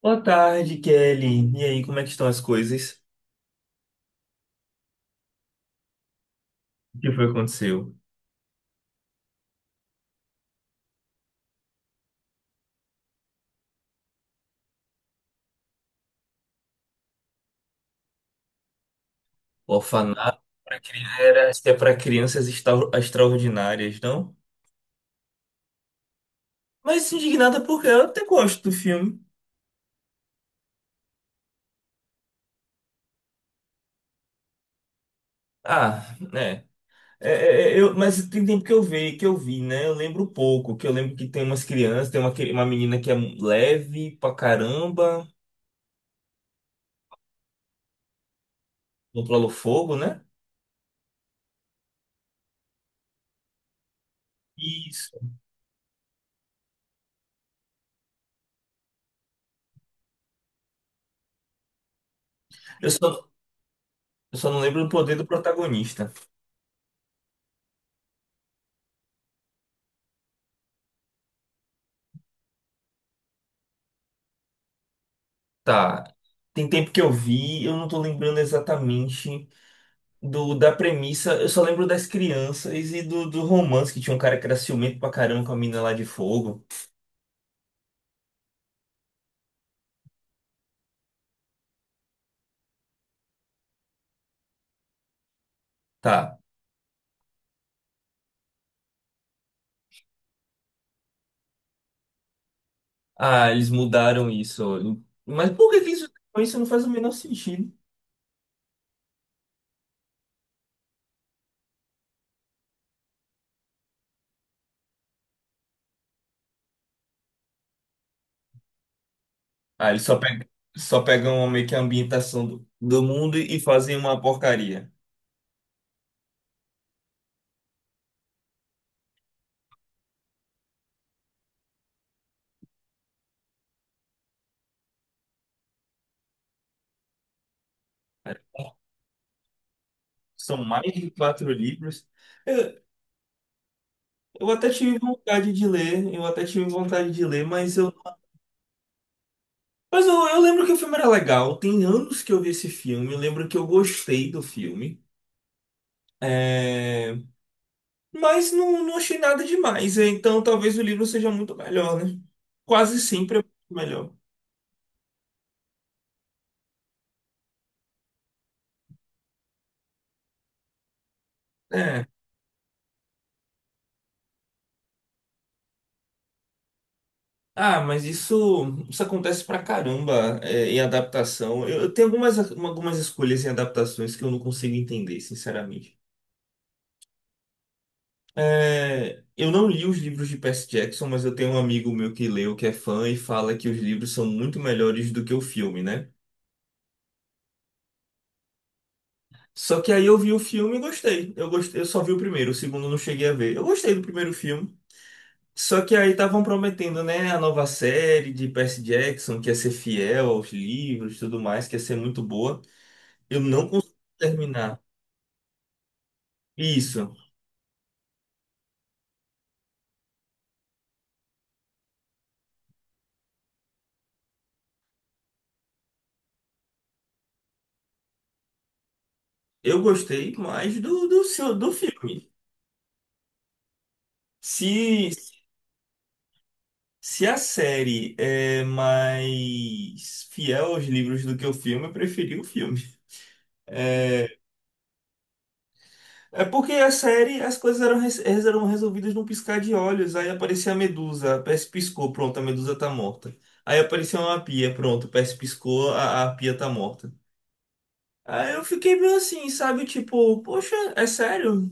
Boa tarde, Kelly. E aí, como é que estão as coisas? O que foi que aconteceu? O orfanato para crianças é para crianças extraordinárias, não? Mas indignada porque eu até gosto do filme. Ah, né? Mas tem tempo que eu vi, né? Eu lembro pouco, que eu lembro que tem umas crianças, uma menina que é leve pra caramba, controla o fogo, né? Isso. Eu só, eu só não lembro do poder do protagonista. Tá. Tem tempo que eu vi, eu não tô lembrando exatamente do da premissa. Eu só lembro das crianças e do romance que tinha um cara que era ciumento pra caramba com a mina lá de fogo. Tá. Ah, eles mudaram isso. Mas por que que isso não faz o menor sentido? Ah, eles só pegam meio que a ambientação do mundo e fazem uma porcaria. São mais de quatro livros. Eu, eu até tive vontade de ler, mas eu. Mas eu lembro que o filme era legal. Tem anos que eu vi esse filme. Eu lembro que eu gostei do filme. É. Mas não, não achei nada demais. Então talvez o livro seja muito melhor, né? Quase sempre é muito melhor. É. Ah, mas isso acontece pra caramba, em adaptação. Eu tenho algumas escolhas em adaptações que eu não consigo entender, sinceramente. Eu não li os livros de Percy Jackson, mas eu tenho um amigo meu que leu, que é fã, e fala que os livros são muito melhores do que o filme, né? Só que aí eu vi o filme e gostei. Eu gostei, eu só vi o primeiro, o segundo eu não cheguei a ver. Eu gostei do primeiro filme. Só que aí estavam prometendo, né, a nova série de Percy Jackson, que ia ser fiel aos livros e tudo mais, que ia ser muito boa. Eu não consegui terminar. Isso. Eu gostei mais do filme. Se, se a série é mais fiel aos livros do que o filme, eu preferi o filme. É, É porque a série, as coisas eram resolvidas num piscar de olhos. Aí aparecia a Medusa, a Percy piscou, pronto, a Medusa tá morta. Aí apareceu uma pia, pronto, a Percy piscou, a pia tá morta. Aí eu fiquei meio assim, sabe? Tipo, poxa, é sério?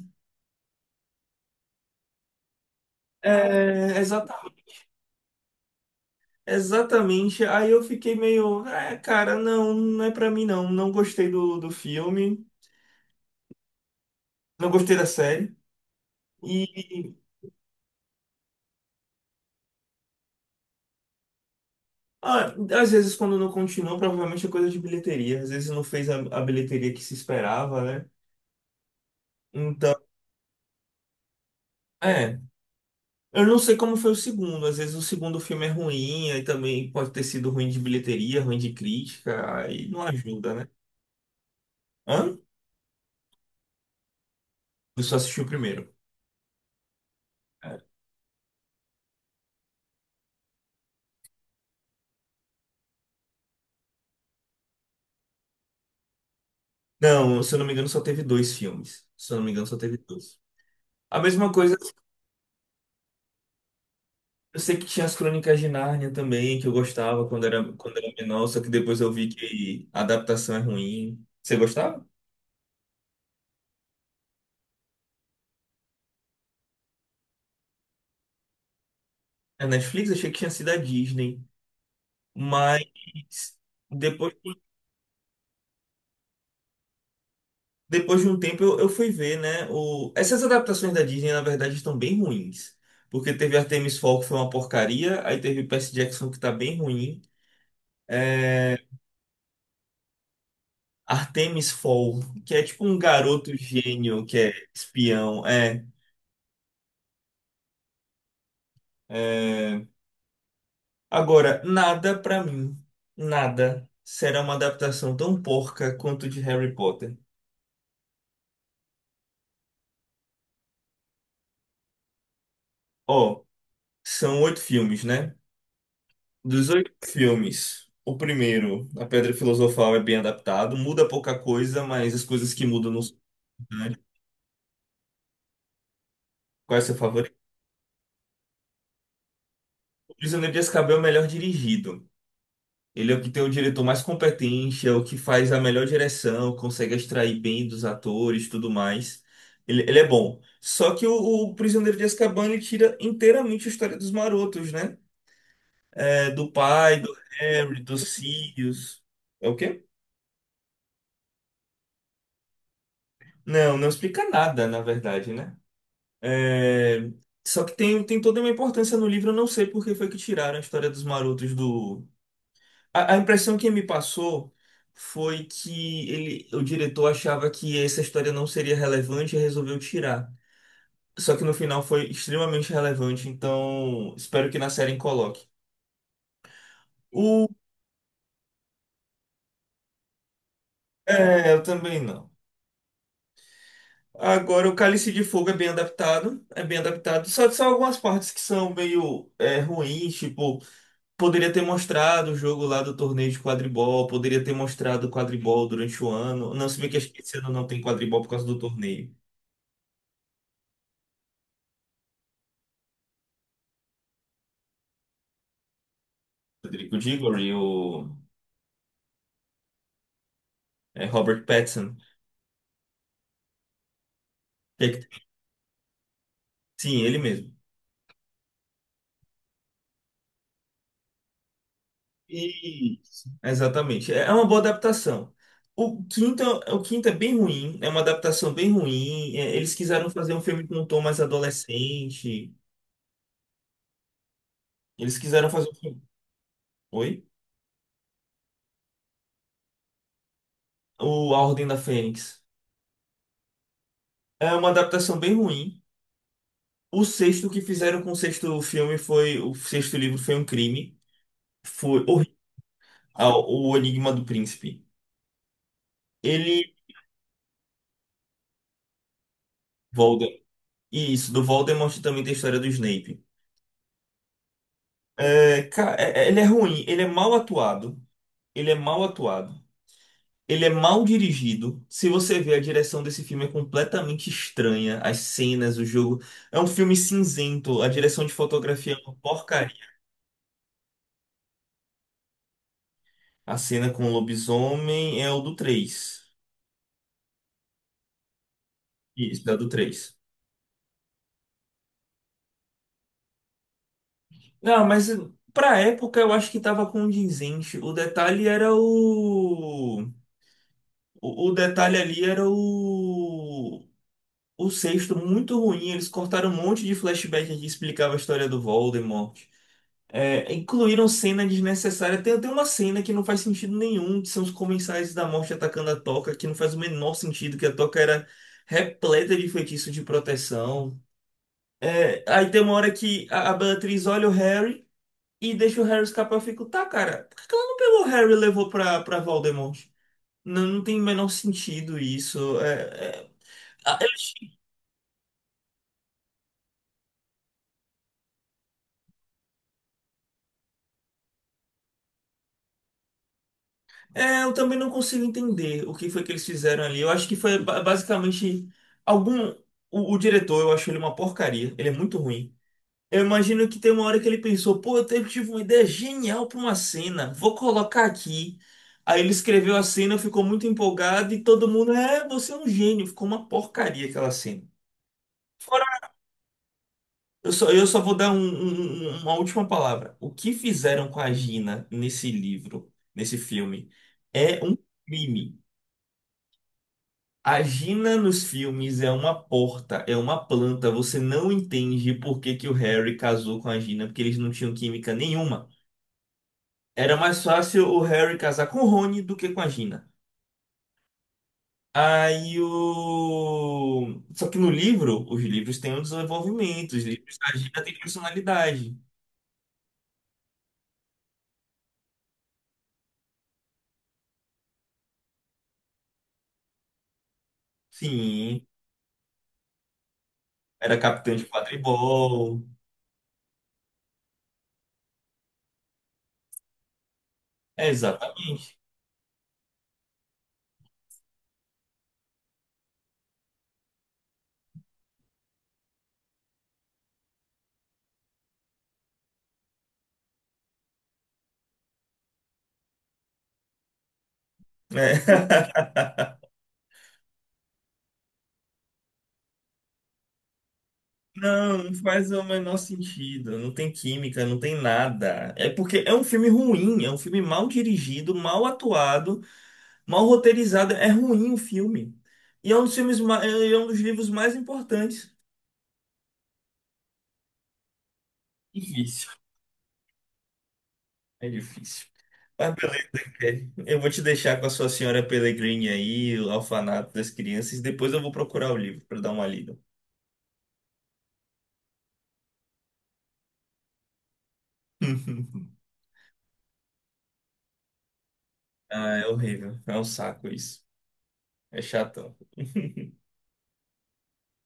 É, exatamente. Exatamente. Aí eu fiquei meio, cara, não, não é pra mim não. Não gostei do filme, não gostei da série. Ah, às vezes quando não continuou, provavelmente é coisa de bilheteria. Às vezes não fez a bilheteria que se esperava, né? Então, é. Eu não sei como foi o segundo. Às vezes o segundo filme é ruim, aí também pode ter sido ruim de bilheteria, ruim de crítica, aí não ajuda, né? Hã? Eu só assisti o primeiro. É. Não, se eu não me engano, só teve dois filmes. Se eu não me engano, só teve dois. A mesma coisa, eu sei que tinha as Crônicas de Nárnia também, que eu gostava quando era menor, só que depois eu vi que a adaptação é ruim. Você gostava? A Netflix, achei que tinha sido a Disney. Mas depois, depois de um tempo eu fui ver, né? Essas adaptações da Disney, na verdade, estão bem ruins. Porque teve Artemis Fowl, que foi uma porcaria, aí teve Percy Jackson, que tá bem ruim. É, Artemis Fowl, que é tipo um garoto gênio que é espião. É, é. Agora, nada pra mim, nada será uma adaptação tão porca quanto de Harry Potter. Ó, são oito filmes, né? Dos oito filmes, o primeiro, A Pedra Filosofal, é bem adaptado, muda pouca coisa, mas as coisas que mudam não são grandes. Qual é o seu favorito? O Prisioneiro de Azkaban é o melhor dirigido. Ele é o que tem o diretor mais competente, é o que faz a melhor direção, consegue extrair bem dos atores, tudo mais. Ele é bom. Só que o Prisioneiro de Azkaban ele tira inteiramente a história dos marotos, né? É, do pai, do Harry, dos Sirius. É o quê? Não, não explica nada, na verdade, né? É, Só que tem toda uma importância no livro, eu não sei por que foi que tiraram a história dos marotos do. A impressão que me passou foi que ele, o diretor achava que essa história não seria relevante e resolveu tirar. Só que no final foi extremamente relevante, então espero que na série coloque. O... É, eu também não. Agora, o Cálice de Fogo é bem adaptado, é bem adaptado. Só algumas partes que são meio ruins, tipo. Poderia ter mostrado o jogo lá do torneio de quadribol, poderia ter mostrado o quadribol durante o ano. Não, se bem que acho que esse ano não tem quadribol por causa do torneio. Rodrigo Diggory, Robert Pattinson. É que- Sim, ele mesmo. E exatamente. É uma boa adaptação. O quinto é bem ruim, é uma adaptação bem ruim. Eles quiseram fazer um filme com um tom mais adolescente. Eles quiseram fazer um filme. Oi? O A Ordem da Fênix. É uma adaptação bem ruim. O sexto que fizeram com o sexto filme foi. O sexto livro foi um crime. Foi horrível. Ah, o Enigma do Príncipe. Ele. Voldemort. E isso, do Voldemort também tem a história do Snape. Ele é ruim, ele é mal atuado. Ele é mal atuado. Ele é mal dirigido. Se você vê, a direção desse filme é completamente estranha. As cenas, o jogo. É um filme cinzento. A direção de fotografia é uma porcaria. A cena com o lobisomem é o do três. Isso, é o do três. Não, mas pra época eu acho que tava condizente. O detalhe era o. O detalhe ali era o. O sexto muito ruim. Eles cortaram um monte de flashback que explicava a história do Voldemort. Incluíram cena desnecessária. Tem uma cena que não faz sentido nenhum, que são os comensais da morte atacando a Toca, que não faz o menor sentido, que a Toca era repleta de feitiço de proteção. Aí tem uma hora que a Beatriz olha o Harry e deixa o Harry escapar. Eu fico, tá, cara, por que que ela não pegou o Harry e levou pra Voldemort? Não, não tem o menor sentido isso. A- eles- eu também não consigo entender o que foi que eles fizeram ali. Eu acho que foi basicamente algum. O diretor, eu acho ele uma porcaria. Ele é muito ruim. Eu imagino que tem uma hora que ele pensou, pô, eu tive uma ideia genial pra uma cena, vou colocar aqui. Aí ele escreveu a cena, ficou muito empolgado e todo mundo, você é um gênio. Ficou uma porcaria aquela cena. Eu só vou dar uma última palavra. O que fizeram com a Gina nesse livro, nesse filme, é um crime. A Gina nos filmes é uma porta, é uma planta. Você não entende por que que o Harry casou com a Gina, porque eles não tinham química nenhuma. Era mais fácil o Harry casar com o Rony do que com a Gina. Aí o. Só que no livro, os livros têm um desenvolvimento, os livros da Gina têm personalidade. Sim. Era capitão de quadribol. É, exatamente. É. Não, não faz o menor sentido. Não tem química, não tem nada. É porque é um filme ruim, é um filme mal dirigido, mal atuado, mal roteirizado. É ruim o filme. E é um dos livros mais importantes. Difícil, é difícil. Mas beleza, Kelly. Eu vou te deixar com a sua Senhora Pellegrini aí, o Orfanato das Crianças. Depois eu vou procurar o livro para dar uma lida. Ah, é horrível. É um saco isso. É chato.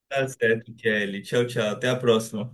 Tá certo, Kelly. Tchau, tchau. Até a próxima.